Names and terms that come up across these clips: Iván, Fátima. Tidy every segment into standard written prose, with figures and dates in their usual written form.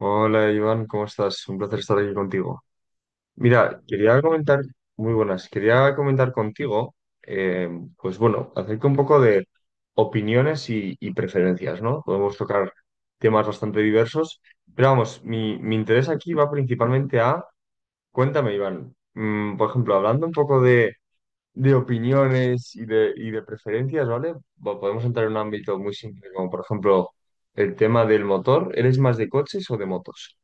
Hola Iván, ¿cómo estás? Un placer estar aquí contigo. Mira, quería comentar, muy buenas, quería comentar contigo, eh, pues bueno, acerca un poco de opiniones y preferencias, ¿no? Podemos tocar temas bastante diversos, pero vamos, mi interés aquí va principalmente a, cuéntame Iván, por ejemplo, hablando un poco de, de opiniones y de preferencias, ¿vale? Podemos entrar en un ámbito muy simple, como por ejemplo el tema del motor, ¿eres más de coches o de motos?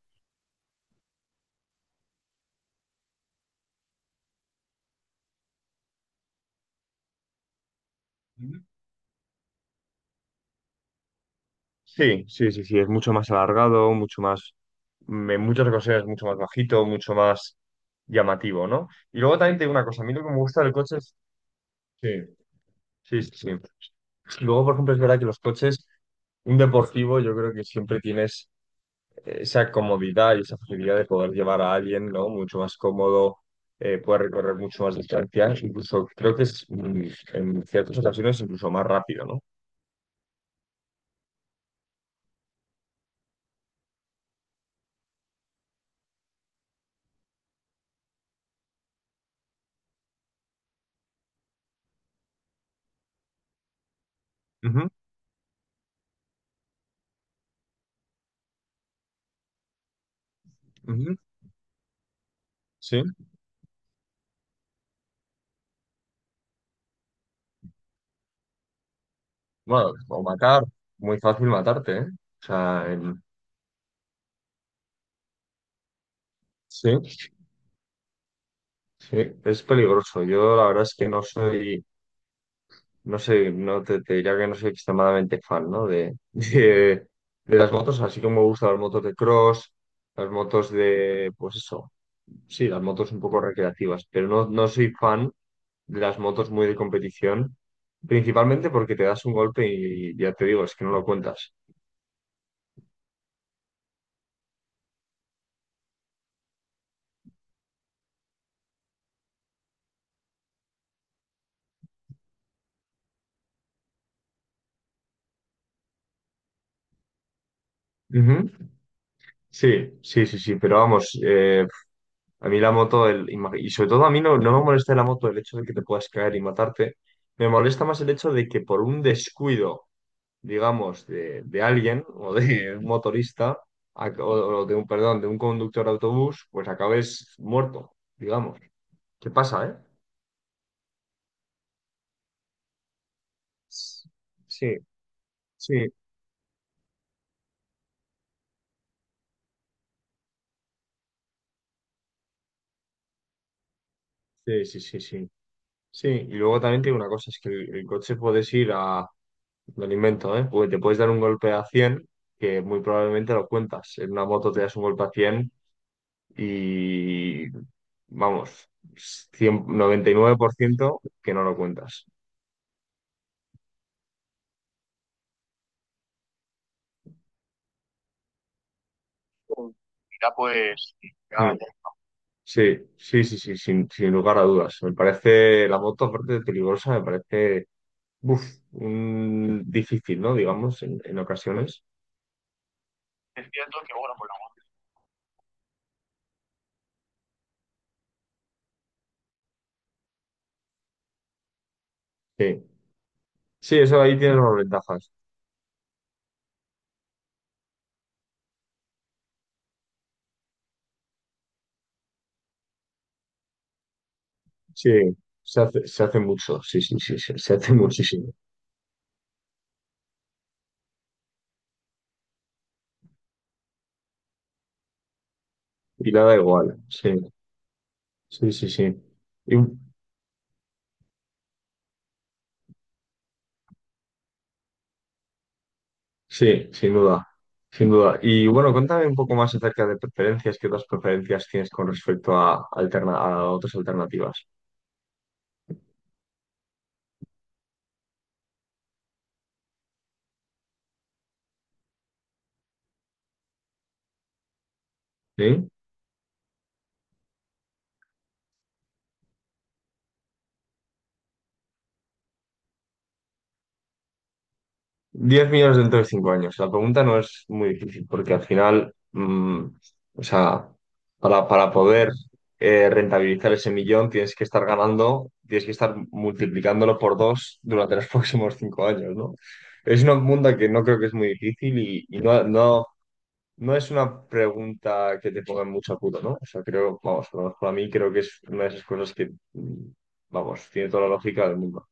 Sí, sí, sí, sí, es mucho más alargado, mucho más, en muchas ocasiones mucho más bajito, mucho más llamativo, ¿no? Y luego también te digo una cosa, a mí lo que me gusta del coche es... Sí, sí, sí, sí. Luego, por ejemplo, es verdad que los coches, un deportivo, yo creo que siempre tienes esa comodidad y esa facilidad de poder llevar a alguien, ¿no? Mucho más cómodo, puedes recorrer mucho más distancias. Incluso creo que es, en ciertas ocasiones, incluso más rápido, no. Ujú, ujú, sí. Bueno, o matar, muy fácil matarte, ¿eh? O sea, sí, sí, es peligroso. Yo la verdad es que no soy, no sé, no te diría que no soy extremadamente fan, ¿no? De las motos, así como me gustan las motos de cross, las motos de, pues eso, sí, las motos un poco recreativas, pero no, no soy fan de las motos muy de competición, principalmente porque te das un golpe y, ya te digo, es que no lo cuentas. Ujú. Sí, sí, sí, sí, pero vamos, a mí la moto, y sobre todo a mí no, no me molesta de la moto el hecho de que te puedas caer y matarte. Me molesta más el hecho de que por un descuido, digamos, de alguien o de un motorista a- o, o de un, perdón, de un conductor de autobús, pues acabes muerto, digamos. ¿Qué pasa, eh? Sí, sí, sí, sí, sí, sí. Sí, y luego también tiene una cosa, es que el coche puedes ir a... me lo invento, ¿eh? Porque te puedes dar un golpe a 100 que muy probablemente lo cuentas. En una moto te das un golpe a 100 y vamos, cien 99% que no lo cuentas. Mira, pues, mm, ya, sí, sí, sí, sí, sin lugar a dudas. Me parece la moto, aparte de peligrosa, me parece uf, difícil, ¿no? Digamos, en ocasiones. Es cierto que, bueno, pues sí, sí, eso ahí tiene las ventajas. Sí, se hace mucho, sí, sí, sí, sí, se hace muchísimo. Y nada igual, sí, sí, sí, sí. Y sí, sin duda, sin duda. Y bueno, cuéntame un poco más acerca de preferencias, qué otras preferencias tienes con respecto a, a otras alternativas. ¿Sí? 10 millones dentro de 5 años. La pregunta no es muy difícil porque al final, o sea, para poder rentabilizar ese millón tienes que estar ganando, tienes que estar multiplicándolo por dos durante los próximos 5 años, ¿no? Es una pregunta que no creo que es muy difícil y No es una pregunta que te ponga en mucho apuro, ¿no? O sea, creo, vamos, por lo menos para mí creo que es una de esas cosas que, vamos, tiene toda la lógica del mundo.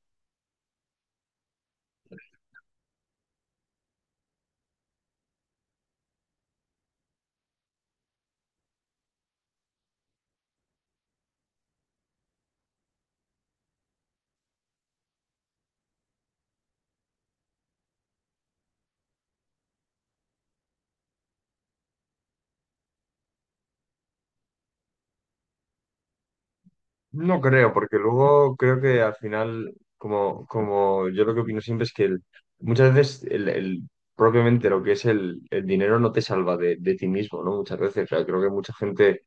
No creo, porque luego creo que al final, como yo lo que opino siempre es que muchas veces propiamente lo que es el dinero no te salva de ti mismo, ¿no? Muchas veces, o sea, creo que mucha gente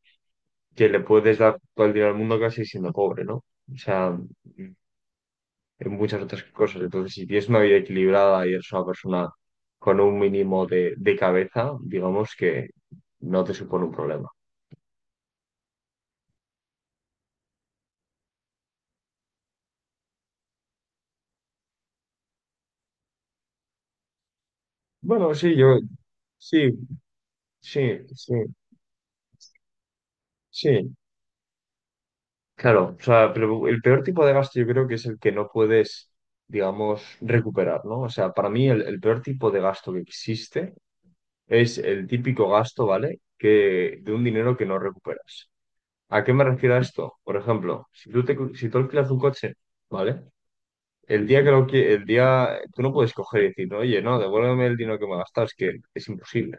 que le puedes dar todo el dinero al mundo casi siendo pobre, ¿no? O sea, en muchas otras cosas. Entonces, si tienes una vida equilibrada y eres una persona con un mínimo de cabeza, digamos que no te supone un problema. Bueno, sí, yo, sí, sí, sí, sí. Claro, o sea, pero el peor tipo de gasto yo creo que es el que no puedes, digamos, recuperar, ¿no? O sea, para mí el peor tipo de gasto que existe es el típico gasto, ¿vale? Que de un dinero que no recuperas. ¿A qué me refiero a esto? Por ejemplo, si tú alquilas un coche, ¿vale? El día que lo que el día, tú no puedes coger y decir, no, oye, no, devuélveme el dinero que me gastas, que es imposible.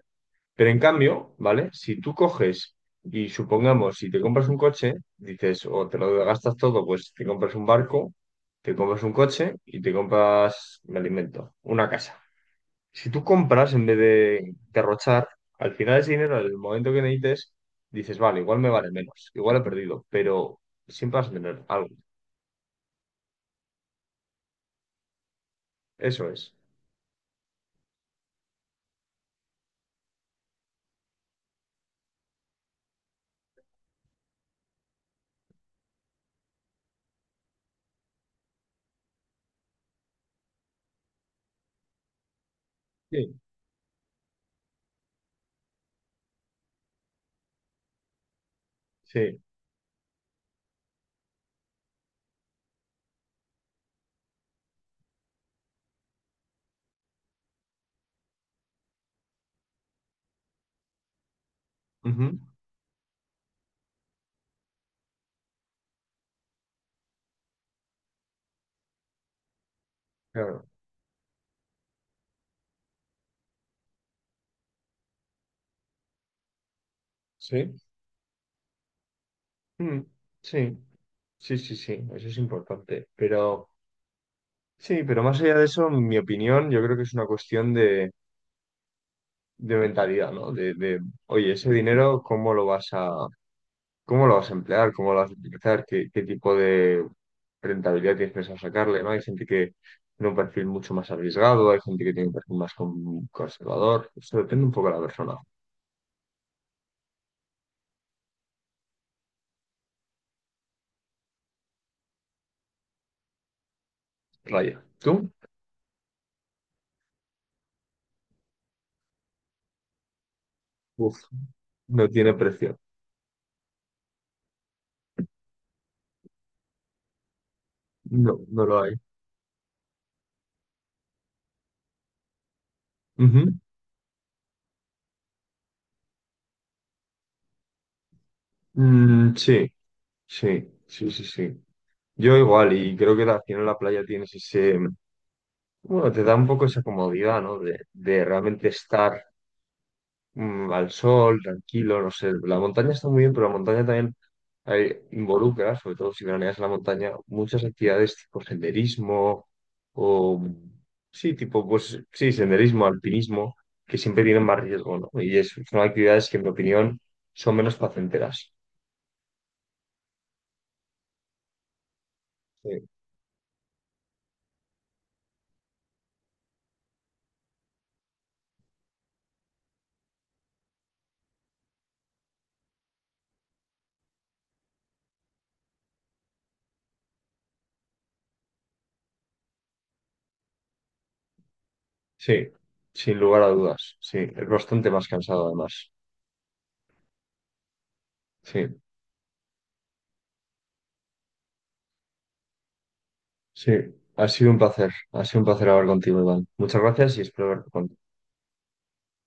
Pero en cambio, ¿vale? Si tú coges y supongamos, si te compras un coche, dices, o te lo gastas todo, pues te compras un barco, te compras un coche y te compras, me alimento, una casa. Si tú compras en vez de derrochar, al final ese dinero, en el momento que necesites, dices, vale, igual me vale menos, igual he perdido, pero siempre vas a tener algo. Eso es. Sí. Sí. Ujú. Claro. Sí, mm, sí, sí, sí, sí, eso es importante. Pero sí, pero más allá de eso, en mi opinión, yo creo que es una cuestión de, mentalidad, ¿no? Oye, ese dinero, ¿cómo lo vas a, cómo lo vas a emplear? ¿Cómo lo vas a utilizar? ¿Qué tipo de rentabilidad tienes pensado sacarle, ¿no? Hay gente que tiene un perfil mucho más arriesgado, hay gente que tiene un perfil más conservador. Eso depende un poco de la persona. Raya. ¿Tú? Uf, no tiene precio. No, no lo hay. Ujú. Mm, sí. Sí, sí, sí, sí. Yo igual, y creo que al final la playa tienes ese, bueno, te da un poco esa comodidad, ¿no? De realmente estar al sol, tranquilo, no sé. La montaña está muy bien, pero la montaña también involucra, sobre todo si veraneas en la montaña, muchas actividades tipo senderismo o, sí, tipo, pues sí, senderismo, alpinismo, que siempre tienen más riesgo, ¿no? Y son actividades que, en mi opinión, son menos placenteras. Sí. Sí, sin lugar a dudas. Sí, es bastante más cansado además. Sí, sí. Ha sido un placer. Ha sido un placer hablar contigo, Iván. Muchas gracias y espero hablar contigo.